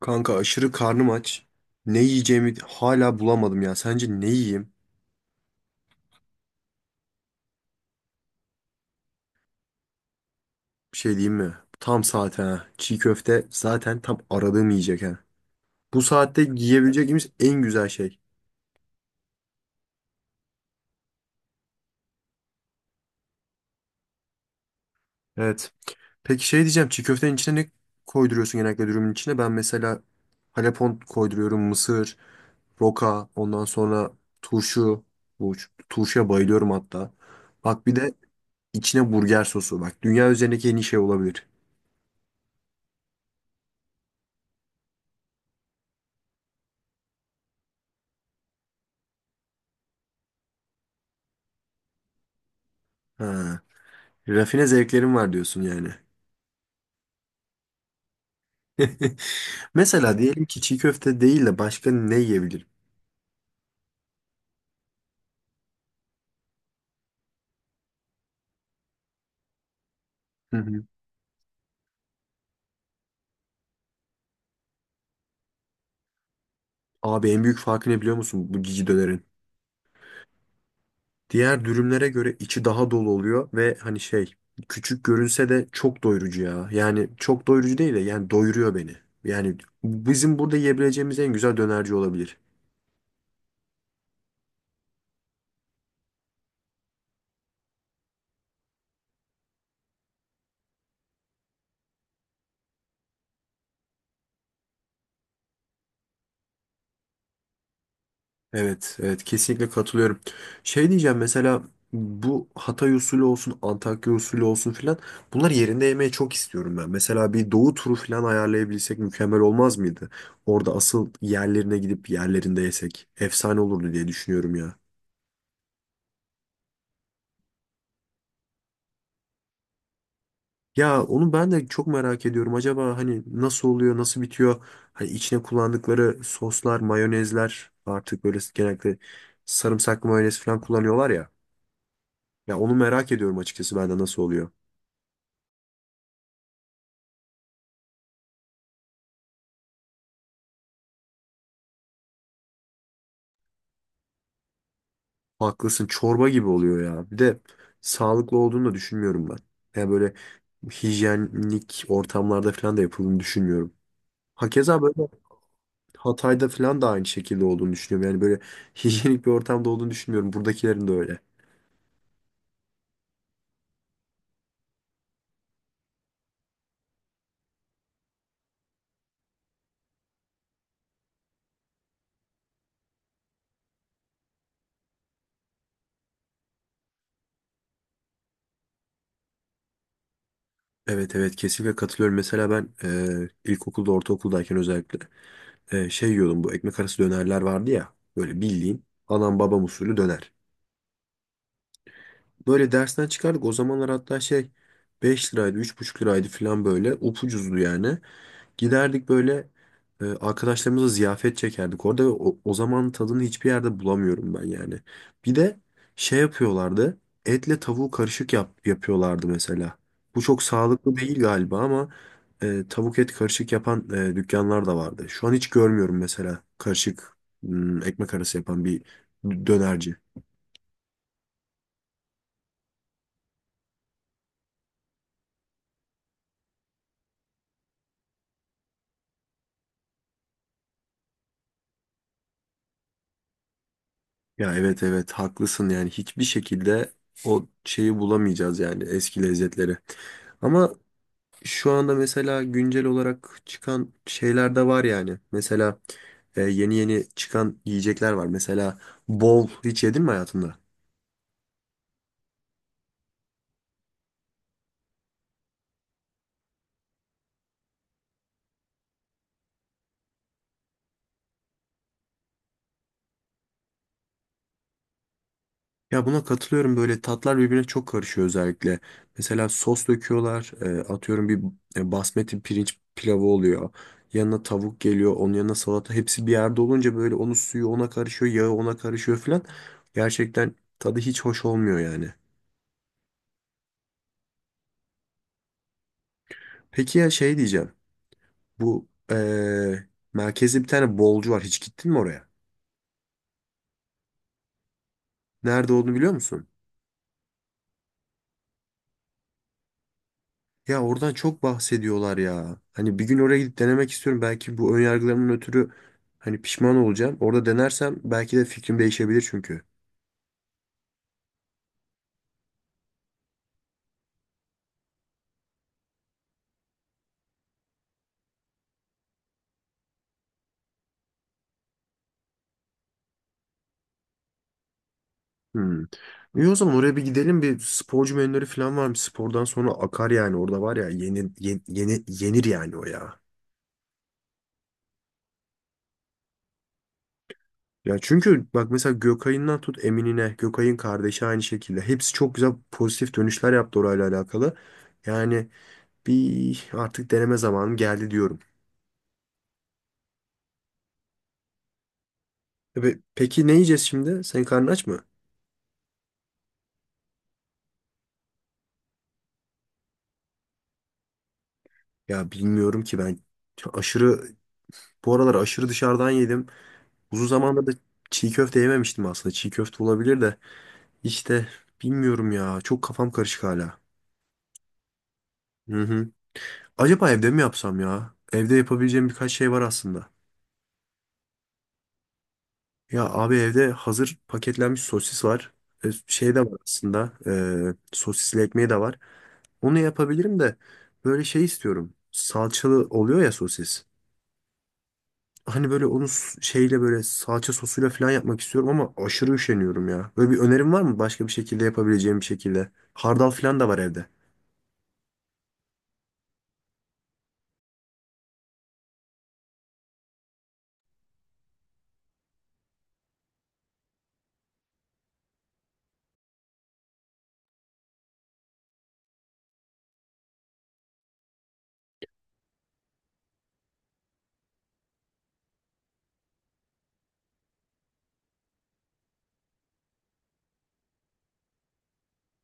Kanka aşırı karnım aç. Ne yiyeceğimi hala bulamadım ya. Sence ne yiyeyim? Bir şey diyeyim mi? Tam saate ha. Çiğ köfte zaten tam aradığım yiyecek ha. Bu saatte yiyebileceğimiz en güzel şey. Evet. Peki şey diyeceğim. Çiğ köftenin içine ne koyduruyorsun genellikle dürümün içine? Ben mesela halepon koyduruyorum. Mısır, roka, ondan sonra turşu. Bu turşuya bayılıyorum hatta. Bak bir de içine burger sosu. Bak dünya üzerindeki en iyi şey olabilir. Ha. Rafine zevklerim var diyorsun yani. Mesela diyelim ki çiğ köfte değil de başka ne yiyebilirim? Hı hı. Abi en büyük farkı ne biliyor musun bu cici dönerin? Diğer dürümlere göre içi daha dolu oluyor ve hani şey küçük görünse de çok doyurucu ya. Yani çok doyurucu değil de yani doyuruyor beni. Yani bizim burada yiyebileceğimiz en güzel dönerci olabilir. Evet, evet kesinlikle katılıyorum. Şey diyeceğim mesela bu Hatay usulü olsun, Antakya usulü olsun filan bunlar yerinde yemeyi çok istiyorum ben. Mesela bir Doğu turu filan ayarlayabilsek mükemmel olmaz mıydı? Orada asıl yerlerine gidip yerlerinde yesek efsane olurdu diye düşünüyorum ya. Ya onu ben de çok merak ediyorum. Acaba hani nasıl oluyor, nasıl bitiyor? Hani içine kullandıkları soslar, mayonezler artık böyle genellikle sarımsaklı mayonez falan kullanıyorlar ya. Ya onu merak ediyorum açıkçası ben de nasıl oluyor. Haklısın. Çorba gibi oluyor ya. Bir de sağlıklı olduğunu da düşünmüyorum ben. Yani böyle hijyenik ortamlarda falan da yapıldığını düşünmüyorum. Hakeza böyle Hatay'da falan da aynı şekilde olduğunu düşünüyorum. Yani böyle hijyenik bir ortamda olduğunu düşünmüyorum. Buradakilerin de öyle. Evet evet kesinlikle katılıyorum. Mesela ben ilkokulda ortaokuldayken özellikle şey yiyordum bu ekmek arası dönerler vardı ya. Böyle bildiğin anam babam usulü döner. Böyle dersten çıkardık. O zamanlar hatta şey 5 liraydı, 3,5 liraydı falan böyle. Upucuzdu yani. Giderdik böyle arkadaşlarımıza ziyafet çekerdik orada ve o zaman tadını hiçbir yerde bulamıyorum ben yani. Bir de şey yapıyorlardı. Etle tavuğu karışık yapıyorlardı mesela. Bu çok sağlıklı değil galiba ama tavuk et karışık yapan dükkanlar da vardı. Şu an hiç görmüyorum mesela karışık ekmek arası yapan bir dönerci. Ya evet evet haklısın yani hiçbir şekilde o şeyi bulamayacağız yani eski lezzetleri. Ama şu anda mesela güncel olarak çıkan şeyler de var yani. Mesela yeni yeni çıkan yiyecekler var. Mesela bol hiç yedin mi hayatında? Ya buna katılıyorum böyle tatlar birbirine çok karışıyor özellikle. Mesela sos döküyorlar, atıyorum bir basmati pirinç pilavı oluyor. Yanına tavuk geliyor, onun yanına salata hepsi bir yerde olunca böyle onun suyu ona karışıyor, yağı ona karışıyor filan. Gerçekten tadı hiç hoş olmuyor yani. Peki ya şey diyeceğim. Bu merkezde bir tane bolcu var. Hiç gittin mi oraya? Nerede olduğunu biliyor musun? Ya oradan çok bahsediyorlar ya. Hani bir gün oraya gidip denemek istiyorum. Belki bu önyargılarımın ötürü hani pişman olacağım. Orada denersem belki de fikrim değişebilir çünkü. Hmm. İyi o zaman oraya bir gidelim. Bir sporcu menüleri falan var mı? Spordan sonra akar yani. Orada var ya yeni, yeni, yenir yani o ya. Ya çünkü bak mesela Gökay'ından tut Emin'ine, Gökay'ın kardeşi aynı şekilde. Hepsi çok güzel pozitif dönüşler yaptı orayla alakalı. Yani bir artık deneme zamanım geldi diyorum. Peki ne yiyeceğiz şimdi? Senin karnın aç mı? Ya bilmiyorum ki ben aşırı bu aralar aşırı dışarıdan yedim. Uzun zamandır da çiğ köfte yememiştim aslında. Çiğ köfte olabilir de işte bilmiyorum ya. Çok kafam karışık hala. Hı hı. Acaba evde mi yapsam ya? Evde yapabileceğim birkaç şey var aslında. Ya abi evde hazır paketlenmiş sosis var. Şey de var aslında. Sosisli ekmeği de var. Onu yapabilirim de böyle şey istiyorum. Salçalı oluyor ya sosis. Hani böyle onu şeyle böyle salça sosuyla falan yapmak istiyorum ama aşırı üşeniyorum ya. Böyle bir önerim var mı başka bir şekilde yapabileceğim bir şekilde? Hardal falan da var evde.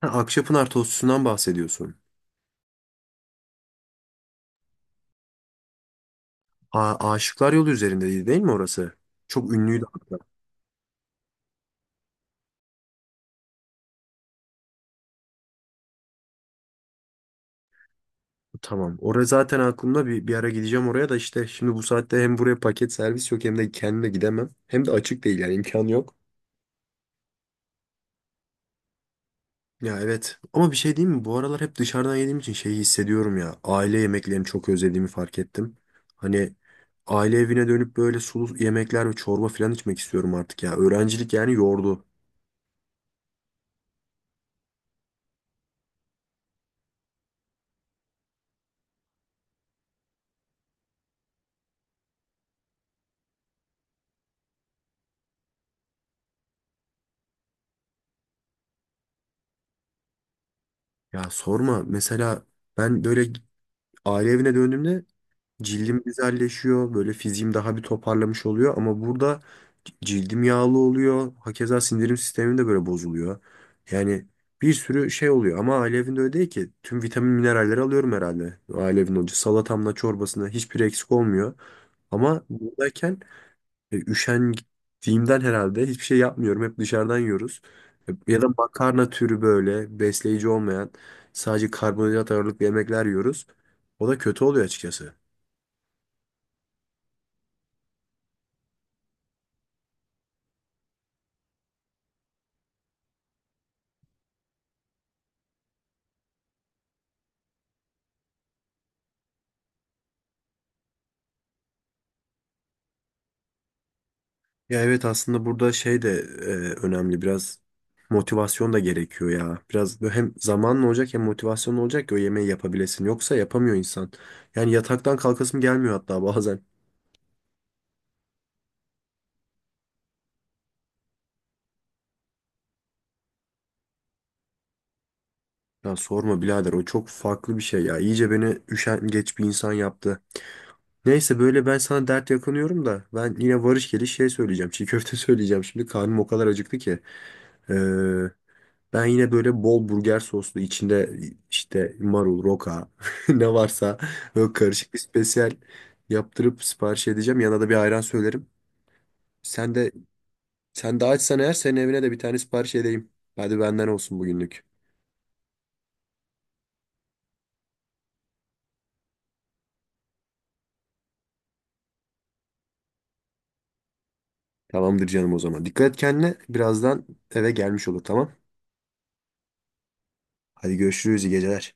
Ha, Akçapınar tostusundan bahsediyorsun. Ha, Aşıklar Yolu üzerindeydi değil mi orası? Çok ünlüydü hatta. Tamam. Orası zaten aklımda bir ara gideceğim oraya da işte şimdi bu saatte hem buraya paket servis yok hem de kendime gidemem. Hem de açık değil yani imkan yok. Ya evet ama bir şey diyeyim mi? Bu aralar hep dışarıdan yediğim için şeyi hissediyorum ya. Aile yemeklerini çok özlediğimi fark ettim. Hani aile evine dönüp böyle sulu yemekler ve çorba falan içmek istiyorum artık ya. Öğrencilik yani yordu. Ya sorma mesela ben böyle aile evine döndüğümde cildim güzelleşiyor. Böyle fiziğim daha bir toparlamış oluyor. Ama burada cildim yağlı oluyor. Hakeza sindirim sistemim de böyle bozuluyor. Yani bir sürü şey oluyor. Ama ailevinde öyle değil ki. Tüm vitamin mineralleri alıyorum herhalde. Ailevin hoca salatamla çorbasına hiçbir eksik olmuyor. Ama buradayken üşendiğimden herhalde hiçbir şey yapmıyorum. Hep dışarıdan yiyoruz. Ya da makarna türü böyle besleyici olmayan sadece karbonhidrat ağırlıklı yemekler yiyoruz. O da kötü oluyor açıkçası. Ya evet aslında burada şey de e, önemli biraz motivasyon da gerekiyor ya. Biraz böyle hem zamanla olacak hem motivasyonla olacak ki o yemeği yapabilesin. Yoksa yapamıyor insan. Yani yataktan kalkasım gelmiyor hatta bazen. Ya sorma birader o çok farklı bir şey ya. İyice beni üşengeç bir insan yaptı. Neyse böyle ben sana dert yakınıyorum da ben yine varış geliş şey söyleyeceğim. Çiğ köfte söyleyeceğim. Şimdi karnım o kadar acıktı ki. Ee, Ben yine böyle bol burger soslu içinde işte marul, roka ne varsa böyle karışık bir spesiyel yaptırıp sipariş edeceğim. Yanına da bir ayran söylerim. Sen de sen de açsan eğer senin evine de bir tane sipariş edeyim. Hadi benden olsun bugünlük. Tamamdır canım o zaman. Dikkat et kendine. Birazdan eve gelmiş olur tamam. Hadi görüşürüz iyi geceler.